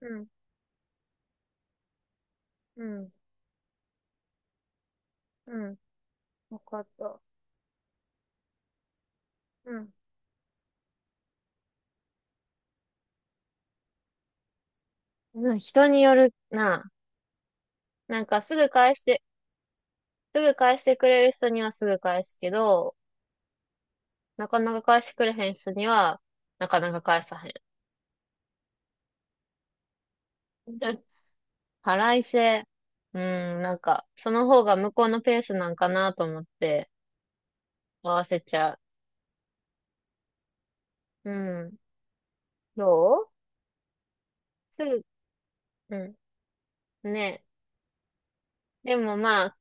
うん、うん、うん。わかった。うん。うん、人によるな。なんかすぐ返して、すぐ返してくれる人にはすぐ返すけど、なかなか返してくれへん人には、なかなか返さへん。払いせ、うん、なんか、その方が向こうのペースなんかなと思って、合わせちゃう。うん。どうすぐ、うん。ね。でもまあ、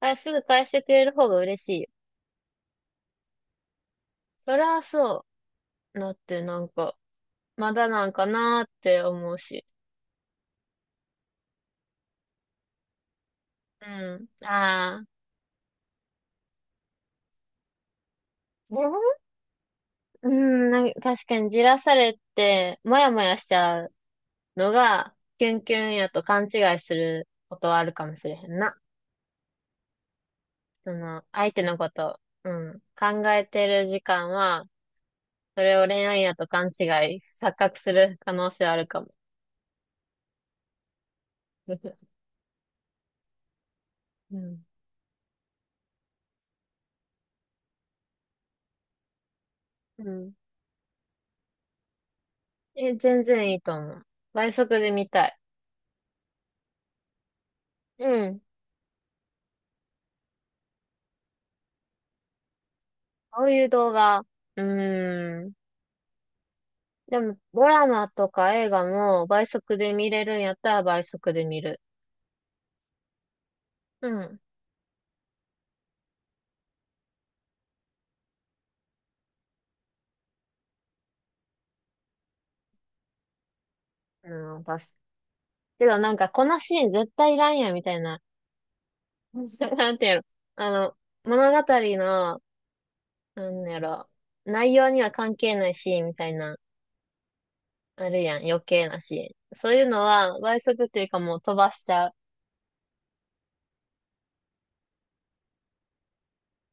あ、すぐ返してくれる方が嬉しいよ。そりゃそう。だってなんか、まだなんかなーって思うし。うん。ああ。でも、うん、なんか確かにじらされて、もやもやしちゃうのが、キュンキュンやと勘違いすることはあるかもしれへんな。その、相手のこと、うん、考えてる時間は、それを恋愛やと勘違い、錯覚する可能性はあるかも。うん。うん。え、全然いいと思う。倍速で見たい。うん。こういう動画、うーん。でも、ドラマとか映画も倍速で見れるんやったら倍速で見る。うん。うん、確かけどなんか、このシーン絶対いらんやん、みたいな。なんていうの。あの、物語の、なんやろ、内容には関係ないシーンみたいな、あるやん、余計なシーン。そういうのは、倍速っていうかもう飛ばしちゃう。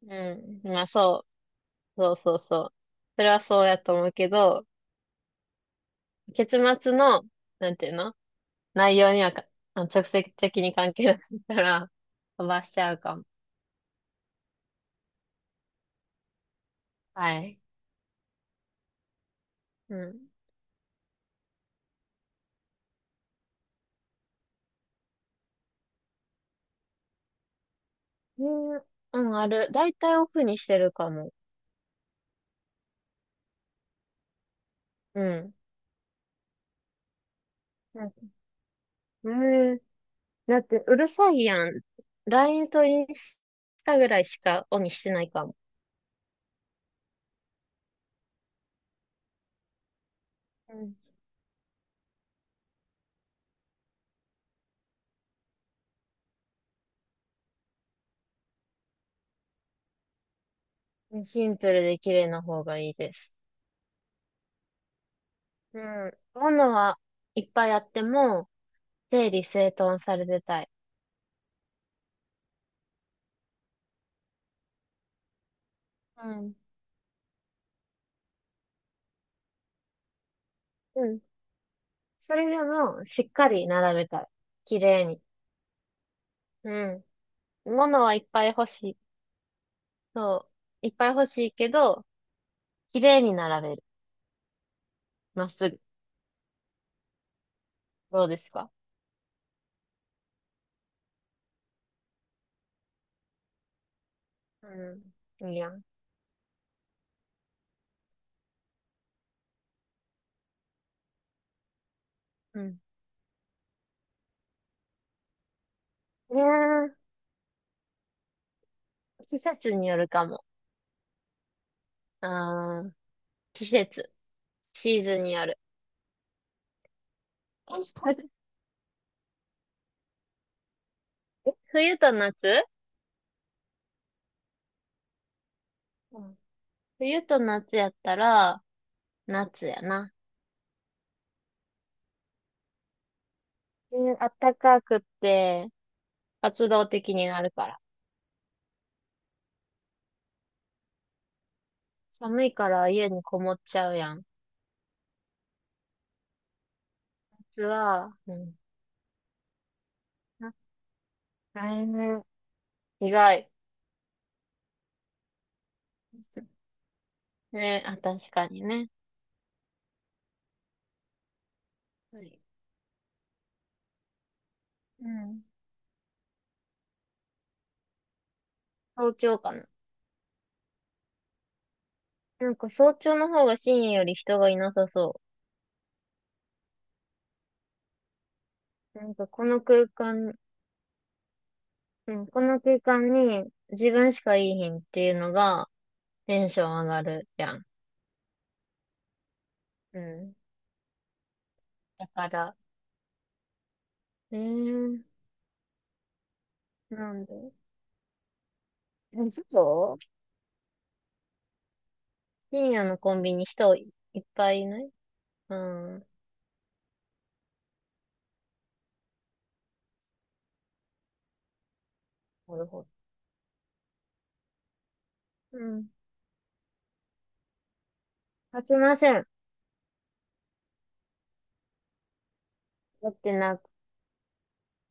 うん。まあ、そう。そうそうそう。それはそうやと思うけど、結末の、なんていうの、内容にはか、直接的に関係なかったら、飛ばしちゃうかも。はい。うん。えーうん、ある。だいたいオフにしてるかも。うん。なんかえーだって、うるさいやん。LINE とインスタぐらいしかオンにしてないかも。うん。シンプルで綺麗な方がいいです。うん。ものはいっぱいあっても、整理整頓されてたい。うん。うん。それでも、しっかり並べたい。綺麗に。うん。物はいっぱい欲しい。そう。いっぱい欲しいけど、綺麗に並べる。まっすぐ。どうですか？うん。いいやん。うん。うー季節によるかも。あー季節。シーズンによる。冬と夏。うん。冬と夏やったら、夏やな。うん、暖かくって、活動的になるから。寒いから家にこもっちゃうやん。夏は、うん。あ、来年、意外。ね、あ、確かにね。はい。うん。早朝かな。なんか早朝の方が深夜より人がいなさそう。なんかこの空間、うん、この空間に自分しかいいひんっていうのがテンション上がるやん。うん。だから、えー、なんで、え、そう、深夜のコンビニ人いっぱいいない、うん。なるほど。うん。勝ちません。だってな、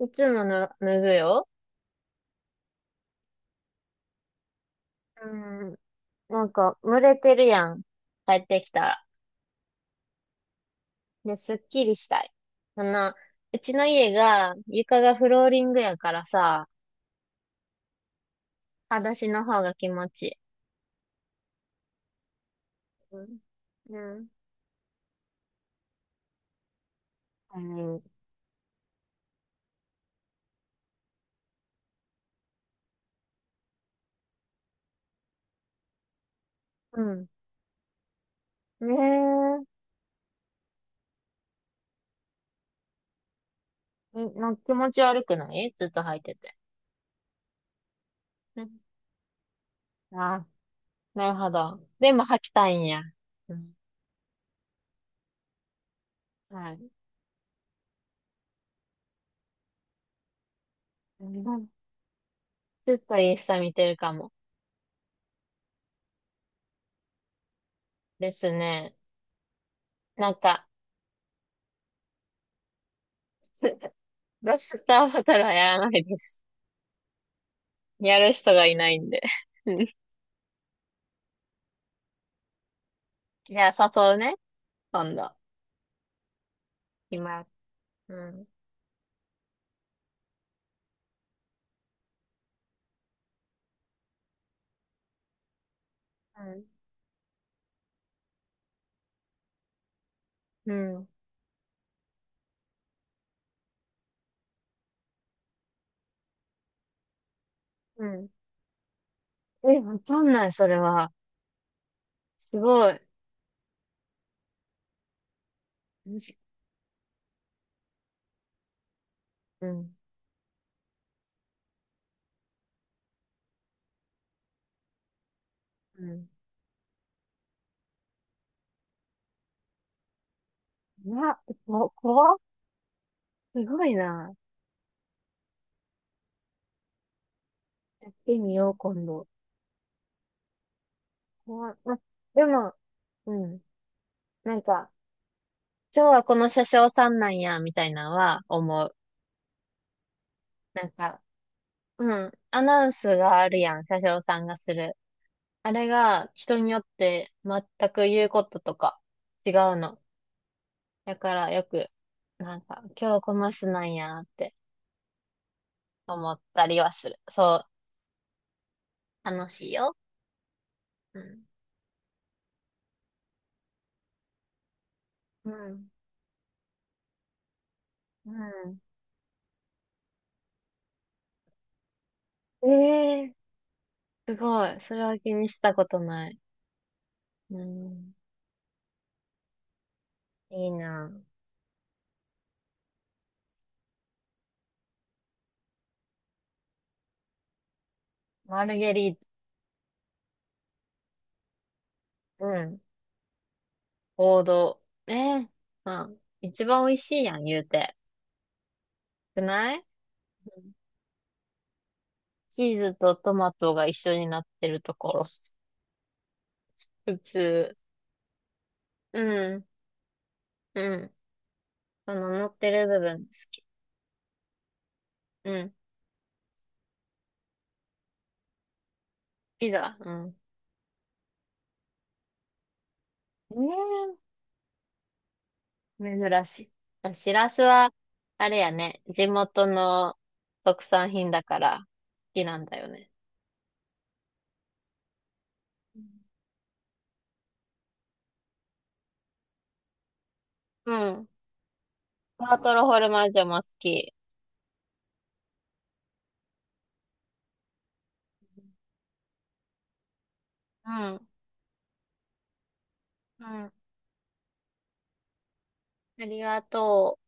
いつもの脱ぐよ。うん。なんか、蒸れてるやん。帰ってきたら。で、すっきりしたい。あの、うちの家が、床がフローリングやからさ、裸足の方が気持ちいい。うん。うん、うん、ねえ。え、なんか気持ち悪くないずっと履いてて。うん、ああ、なるほど。でも履きたいんや。うん。はい。うん、ずっとインスタ見てるかも。ですね。なんか、ロスターボトルはやらないです。やる人がいないんで。うん、いや、誘うね。今度。今、うん、うん、うん、うん、え、わかんない、それは。すごい。むしうん、うん。な、怖っ。すごいな。やってみよう、今度。怖っ、あ、でも、うん。なんか、今日はこの車掌さんなんや、みたいなのは思う。なんか、うん。アナウンスがあるやん、車掌さんがする。あれが人によって全く言うこととか違うの。だからよく、なんか、今日この人なんやって思ったりはする。そう、楽しいよ。うん。うん。うん。ええー、すごい。それは気にしたことない。うん。いいな。マルゲリータ、うん。王道。ええ、まあ、一番美味しいやん、言うて。くない、うん、チーズとトマトが一緒になってるところ。普通。うん、うん。乗ってる部分好き。うん。好きだ。うん。ええ、珍しい。あ、しらすは、あれやね、地元の特産品だから好きなんだよね。うん。うん、タートルホルマージョも好き。うん。うん。ありがとう。